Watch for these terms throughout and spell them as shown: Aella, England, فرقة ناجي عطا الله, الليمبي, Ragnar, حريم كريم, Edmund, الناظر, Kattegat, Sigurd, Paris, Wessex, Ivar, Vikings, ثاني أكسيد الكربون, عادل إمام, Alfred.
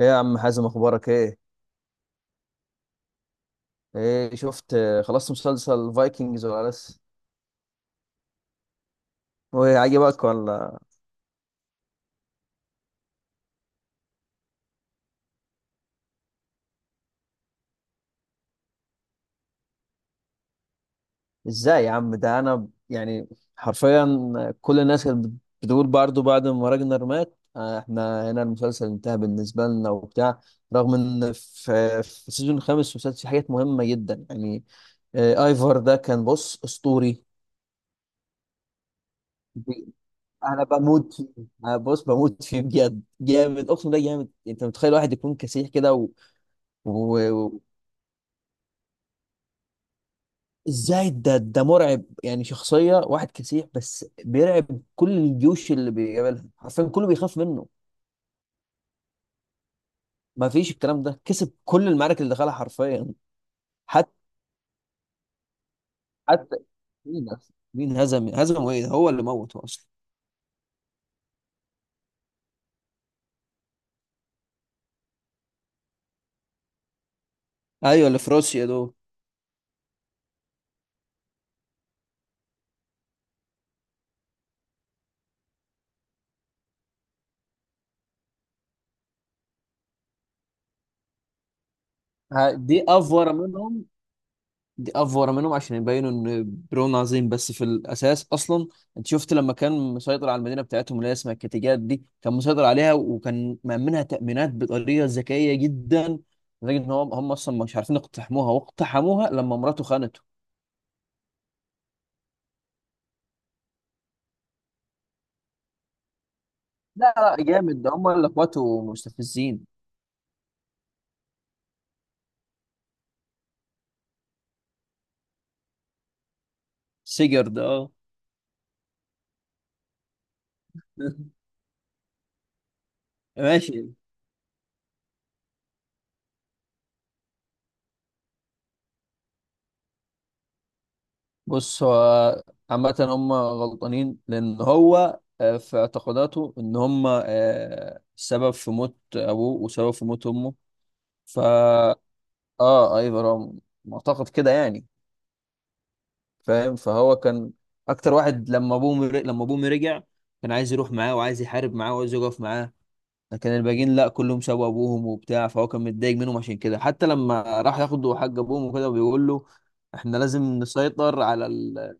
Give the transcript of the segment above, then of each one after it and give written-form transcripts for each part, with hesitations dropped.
ايه يا عم حازم، اخبارك ايه؟ ايه شفت، خلصت مسلسل فايكنجز ولا لسه؟ وعجبك ولا؟ ازاي يا عم، ده انا يعني حرفيا. كل الناس كانت بتقول برضه بعد ما راجنر مات، احنا هنا المسلسل انتهى بالنسبه لنا وبتاع. رغم ان في السيزون الخامس والسادس في حاجات مهمه جدا يعني. ايفر ده كان، بص، اسطوري. ب- انا بموت فيه. أنا بص بموت فيه بجد، جامد، اقسم بالله جامد. انت متخيل واحد يكون كسيح كده. و... ازاي ده مرعب يعني، شخصية واحد كسيح بس بيرعب كل الجيوش اللي بيقابلها، حرفيا كله بيخاف منه. ما فيش الكلام ده، كسب كل المعارك اللي دخلها حرفيا. حتى حتى مين أصلاً؟ مين هزم ايه، هو اللي موت اصلا. ايوه اللي في روسيا دول. ه- دي افور منهم دي افور منهم عشان يبينوا ان برون عظيم، بس في الاساس اصلا، انت شفت لما كان مسيطر على المدينه بتاعتهم اللي هي اسمها الكتيجات دي، كان مسيطر عليها وكان مأمنها تأمينات بطريقه ذكيه جدا، لدرجه ان هم اصلا مش عارفين يقتحموها، واقتحموها لما مراته خانته. لا لا، جامد، ده هم اللي اخواته مستفزين. سيجر ده، اه. ماشي. بص هو، عامة هم غلطانين لأن هو، في اعتقاداته إن هم، سبب في موت أبوه وسبب في موت أمه. فا آه أيوة، هو معتقد كده يعني، فاهم، فهو كان أكتر واحد، لما أبوه رجع كان عايز يروح معاه، وعايز يحارب معاه، وعايز يقف معاه. لكن الباقيين لأ، كلهم سابوا أبوهم وبتاع، فهو كان متضايق منهم. عشان كده حتى لما راح ياخدوا حق أبوهم وكده بيقول له إحنا لازم نسيطر على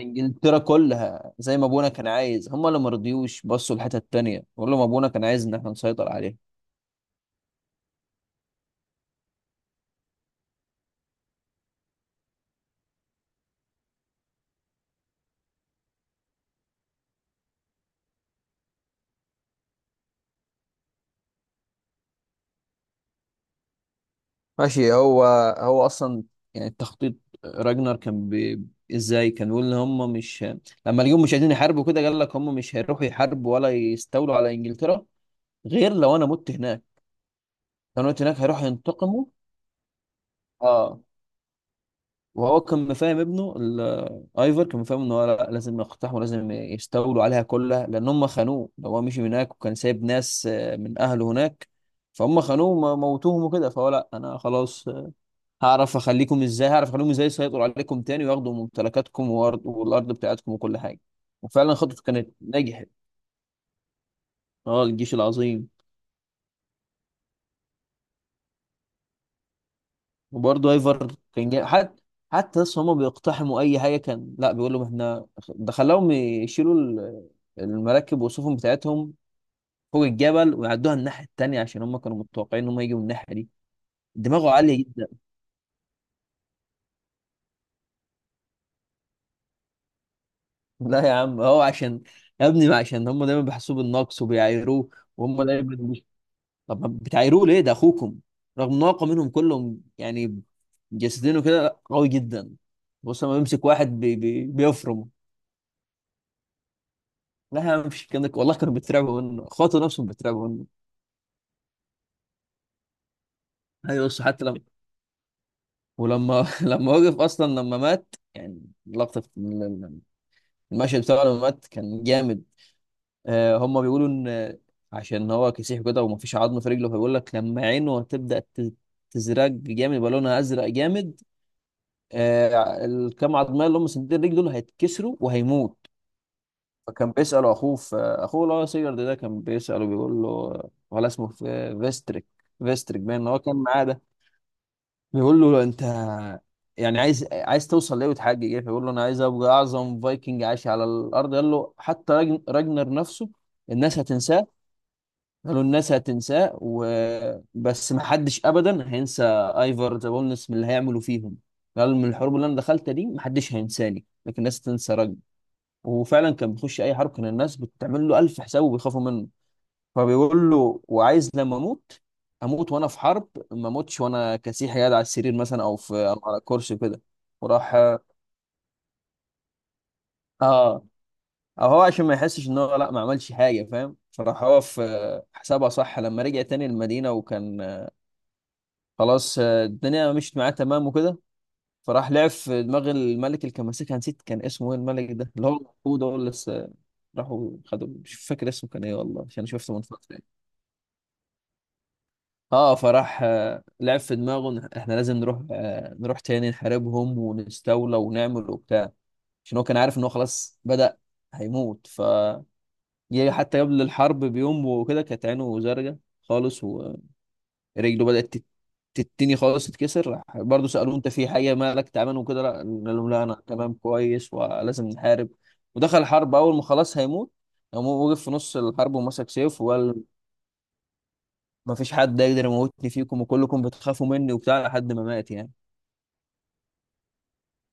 انجلترا كلها زي ما ابونا كان عايز. هم اللي ما رضيوش، بصوا الحته التانيه، بقول لهم ابونا كان عايز ان احنا نسيطر عليها. ماشي. هو اصلا يعني، التخطيط، راجنر كان ازاي كان بيقول ان هم مش، لما اليوم مش عايزين يحاربوا كده قال لك هم مش هيروحوا يحاربوا ولا يستولوا على انجلترا غير لو انا مت هناك. لو انا مت هناك هيروحوا ينتقموا. اه. وهو كان مفاهم ابنه ايفر، كان مفاهم ان هو لا، لازم يقتحموا، لازم يستولوا عليها كلها لان هم خانوه. لو هو مشي من هناك وكان سايب ناس، من اهله هناك، فهم خانوه، موتوهم وكده، فهو لا، انا خلاص، هعرف اخليكم ازاي، هعرف اخليهم ازاي يسيطروا عليكم تاني وياخدوا ممتلكاتكم والارض بتاعتكم وكل حاجه. وفعلا خطته كانت نجحت. اه، الجيش العظيم. وبرضه ايفر كان جاي حتى، لسه هما بيقتحموا اي حاجه، كان لا بيقول لهم احنا، ده خلاهم يشيلوا المراكب والسفن بتاعتهم فوق الجبل ويعدوها الناحيه التانيه، عشان هما كانوا متوقعين ان هما يجوا من الناحيه دي. دماغه عاليه جدا. لا يا عم، هو عشان، يا ابني، ما عشان هما دايما بيحسوه بالنقص وبيعايروه. وهم دايما طب ما بتعايروه ليه، ده اخوكم، رغم ان هو أقوى منهم كلهم يعني، جسدينه كده قوي جدا. بص لما بيمسك واحد بي بي بيفرم. لا يا عم مفيش الكلام ده، والله كانوا بيترعبوا منه، اخواته نفسهم بيترعبوا منه. ايوه، بص. حتى لما، ولما لما وقف اصلا، لما مات، يعني لقطه في المشهد بتاعه لما مات كان جامد. آه، هم بيقولوا ان، عشان هو كسيح كده ومفيش عظم في رجله، فبيقول لك لما عينه هتبدا تزرق جامد، يبقى لونها ازرق جامد، آه الكام عظمه اللي هم سندين رجله دول هيتكسروا وهيموت. فكان بيساله اخوه، في اخوه اللي هو سيجارد ده كان بيساله، بيقول له، ولا اسمه في فيستريك، فيستريك باين ان هو كان معاه، بيقول له انت يعني عايز، عايز توصل ليه وتحقق ايه؟ فيقول له انا عايز ابقى اعظم فايكنج عاش على الارض. قال له حتى راجنر نفسه الناس هتنساه، قالوا الناس هتنساه، وبس ما حدش ابدا هينسى ايفر ذا بولنس من اللي هيعملوا فيهم. قال من الحروب اللي انا دخلتها دي ما حدش هينساني، لكن الناس تنسى راجنر. وفعلا كان بيخش اي حرب كان الناس بتعمل له الف حساب وبيخافوا منه. فبيقول له، وعايز لما اموت، اموت وانا في حرب، ما اموتش وانا كسيح قاعد على السرير مثلا، او في، او على كرسي كده. وراح. اه. او هو عشان ما يحسش ان هو لا، ما عملش حاجه، فاهم، فراح هو في حسابها صح لما رجع تاني المدينه، وكان، خلاص، الدنيا مشيت معاه تمام وكده. فراح لعب في دماغ الملك اللي كان ماسكها، نسيت كان اسمه ايه الملك ده، اللي هو المفروض هو اللي لسه راحوا خدوا، مش فاكر اسمه كان ايه والله عشان شفته من فتره. اه، فراح، لعب في دماغه إن احنا لازم نروح، نروح تاني نحاربهم ونستولى ونعمل وبتاع، عشان هو كان عارف ان هو خلاص بدأ هيموت. ف جه حتى قبل الحرب بيوم وكده، كانت عينه زرقاء خالص، ورجله بدأت تتني خالص، تتكسر. راح برضه، سألوه انت في حاجة مالك تعبان وكده، لا قال لهم لا انا تمام كويس ولازم نحارب. ودخل الحرب، اول ما خلاص هيموت قام هو وقف في نص الحرب ومسك سيف وقال ما فيش حد يقدر يموتني فيكم وكلكم بتخافوا مني وبتاع، لحد ما مات يعني.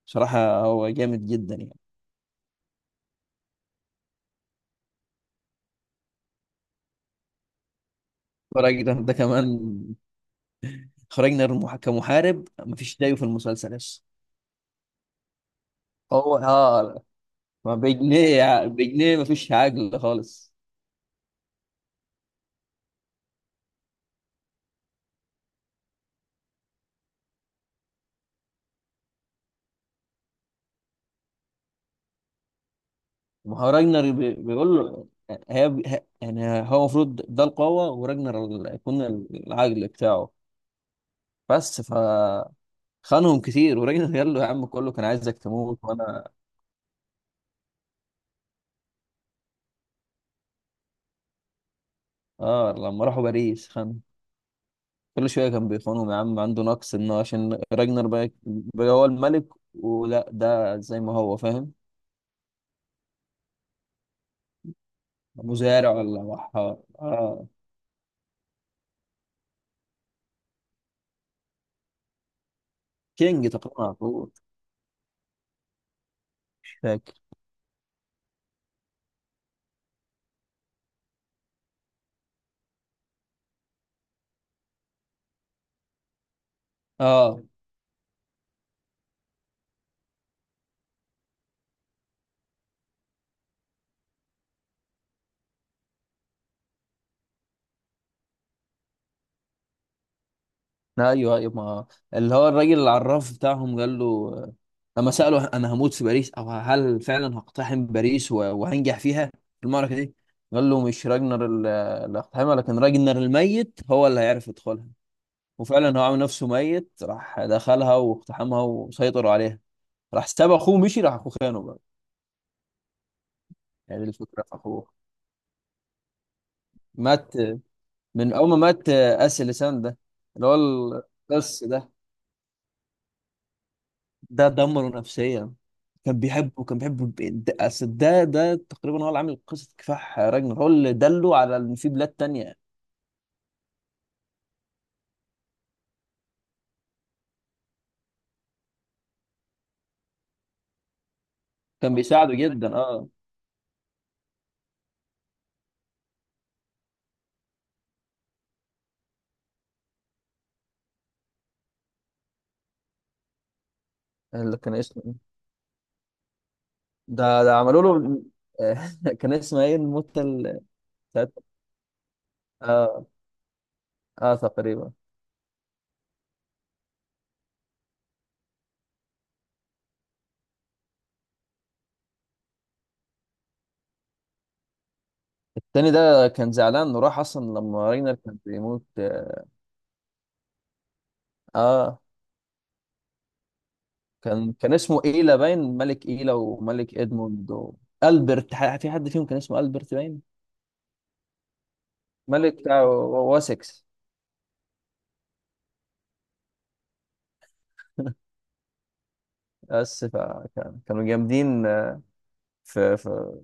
بصراحة هو جامد جدا يعني. الراجل ده كمان، خرجنا كمحارب ما فيش زيه في المسلسل لسه. هو اه، ما بجنيه، بجنيه ما فيش عقل خالص. ما هو راجنر بيقول له، يعني هو المفروض ده القوة وراجنر يكون العقل بتاعه. بس ف، خانهم كتير وراجنر قال له يا عم كله كان عايزك تموت وانا. اه لما راحوا باريس خانهم. كل شويه كان بيخونهم يا عم، عنده نقص، انه عشان راجنر بقى هو الملك ولا ده زي ما هو فاهم. مزارع ولا وحار، اه. كينج تقريبا على طول. مش فاكر. اه ايوه، ايوه، ما، اللي هو الراجل العراف بتاعهم قال له، آه، لما سأله انا هموت في باريس او هل فعلا هقتحم باريس وهنجح فيها في المعركه دي، قال له مش راجنر اللي هقتحمها لكن راجنر الميت هو اللي هيعرف يدخلها. وفعلا هو عامل نفسه ميت، راح دخلها واقتحمها وسيطروا عليها. راح ساب اخوه، مشي، راح اخوه خانه بقى. يعني دي الفكره في اخوه. مات. من اول ما مات اسي لسان ده، اللي هو القس ده دمره نفسيا. كان بيحبه، كان بيحبه، ده أصل، ده تقريبا هو اللي عامل قصه كفاح راجنر، هو اللي دله على ان في بلاد تانية. كان بيساعده جدا، اه. اللي كان اسمه إيه؟ ده عملوا له. كان اسمه ايه الموتة بتاعت، اه، اه تقريبا. التاني ده كان زعلان انه راح اصلا لما راجنر كان بيموت، اه. آه. كان، كان اسمه ايلا باين، ملك ايلا وملك ادموند البرت، في حد فيهم كان اسمه البرت باين، ملك بتاع واسكس. بس فكان كانوا جامدين في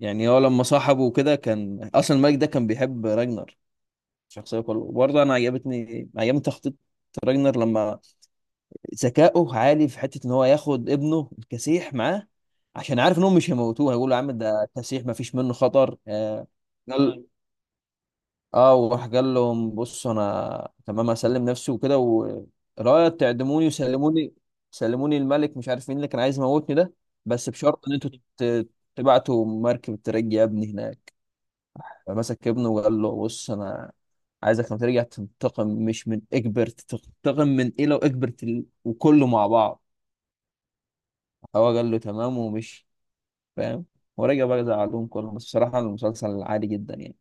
يعني، هو لما صاحبه وكده كان اصلا الملك ده كان بيحب راجنر شخصيه كله. وبرضه انا عجبتني، عجبني تخطيط راجنر، لما ذكائه عالي في حته ان هو ياخد ابنه الكسيح معاه عشان عارف انهم مش هيموتوه، هيقولوا يا عم ده كسيح ما فيش منه خطر، ده اه. وراح قال لهم بصوا انا تمام اسلم نفسي وكده، ورايت تعدموني، وسلموني، سلموني الملك، مش عارف مين اللي كان عايز يموتني ده، بس بشرط ان انتوا ت- تبعتوا مركب ترجي ابني هناك. فمسك ابنه وقال له بص، انا عايزك لما ترجع تنتقم، مش من اكبر، تنتقم من ايه لو اكبرت وكله مع بعض. هو قال له تمام ومشي. فاهم؟ ورجع بقى زعلهم كلهم. بس بصراحة المسلسل عادي جدا يعني.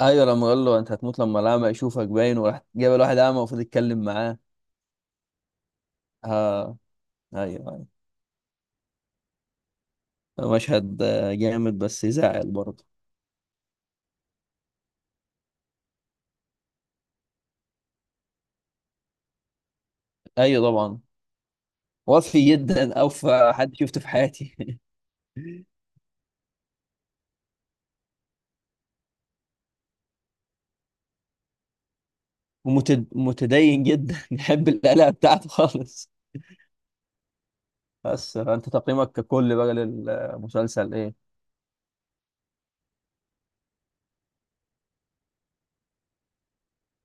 ايوه، لما قال له انت هتموت لما الاعمى يشوفك باين، وراح جاب الواحد اعمى المفروض يتكلم معاه. ها، ايوه. ايوه مشهد، جامد بس يزعل برضه. ايوه طبعا. وفي جدا، اوفى حد شفته في حياتي. ومتدين جدا. يحب القلق بتاعته خالص. بس انت تقييمك ككل بقى للمسلسل ايه؟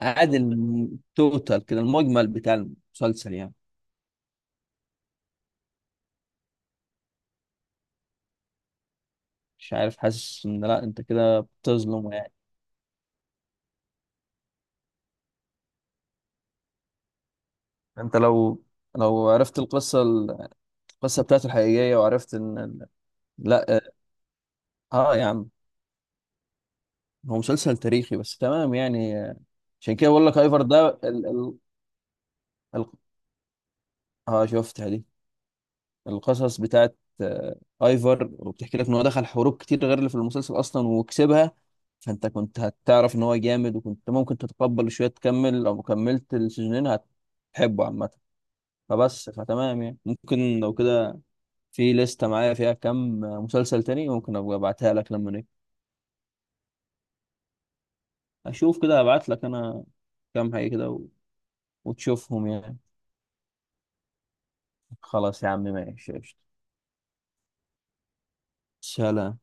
عادي، التوتال كده، المجمل بتاع المسلسل يعني. مش عارف، حاسس ان لا، انت كده بتظلمه يعني. انت لو، لو عرفت القصة، القصة بتاعته الحقيقية، وعرفت ان لا اه، آه يا عم، هو مسلسل تاريخي بس تمام يعني، عشان كده بقول لك ايفر ده ال... اه، شفتها دي، القصص بتاعت، ايفر، وبتحكي لك ان هو دخل حروب كتير غير اللي في المسلسل اصلا وكسبها. فانت كنت هتعرف ان هو جامد، وكنت ممكن تتقبل شوية، تكمل لو كملت السيزونين هتحبه عامة. فبس، فتمام يعني، ممكن لو كده، في لستة معايا فيها كم مسلسل تاني ممكن ابقى ابعتها لك، لما اشوف كده ابعت لك انا كام حاجه كده وتشوفهم يعني. خلاص يا عم ماشي، قشطة. سلام.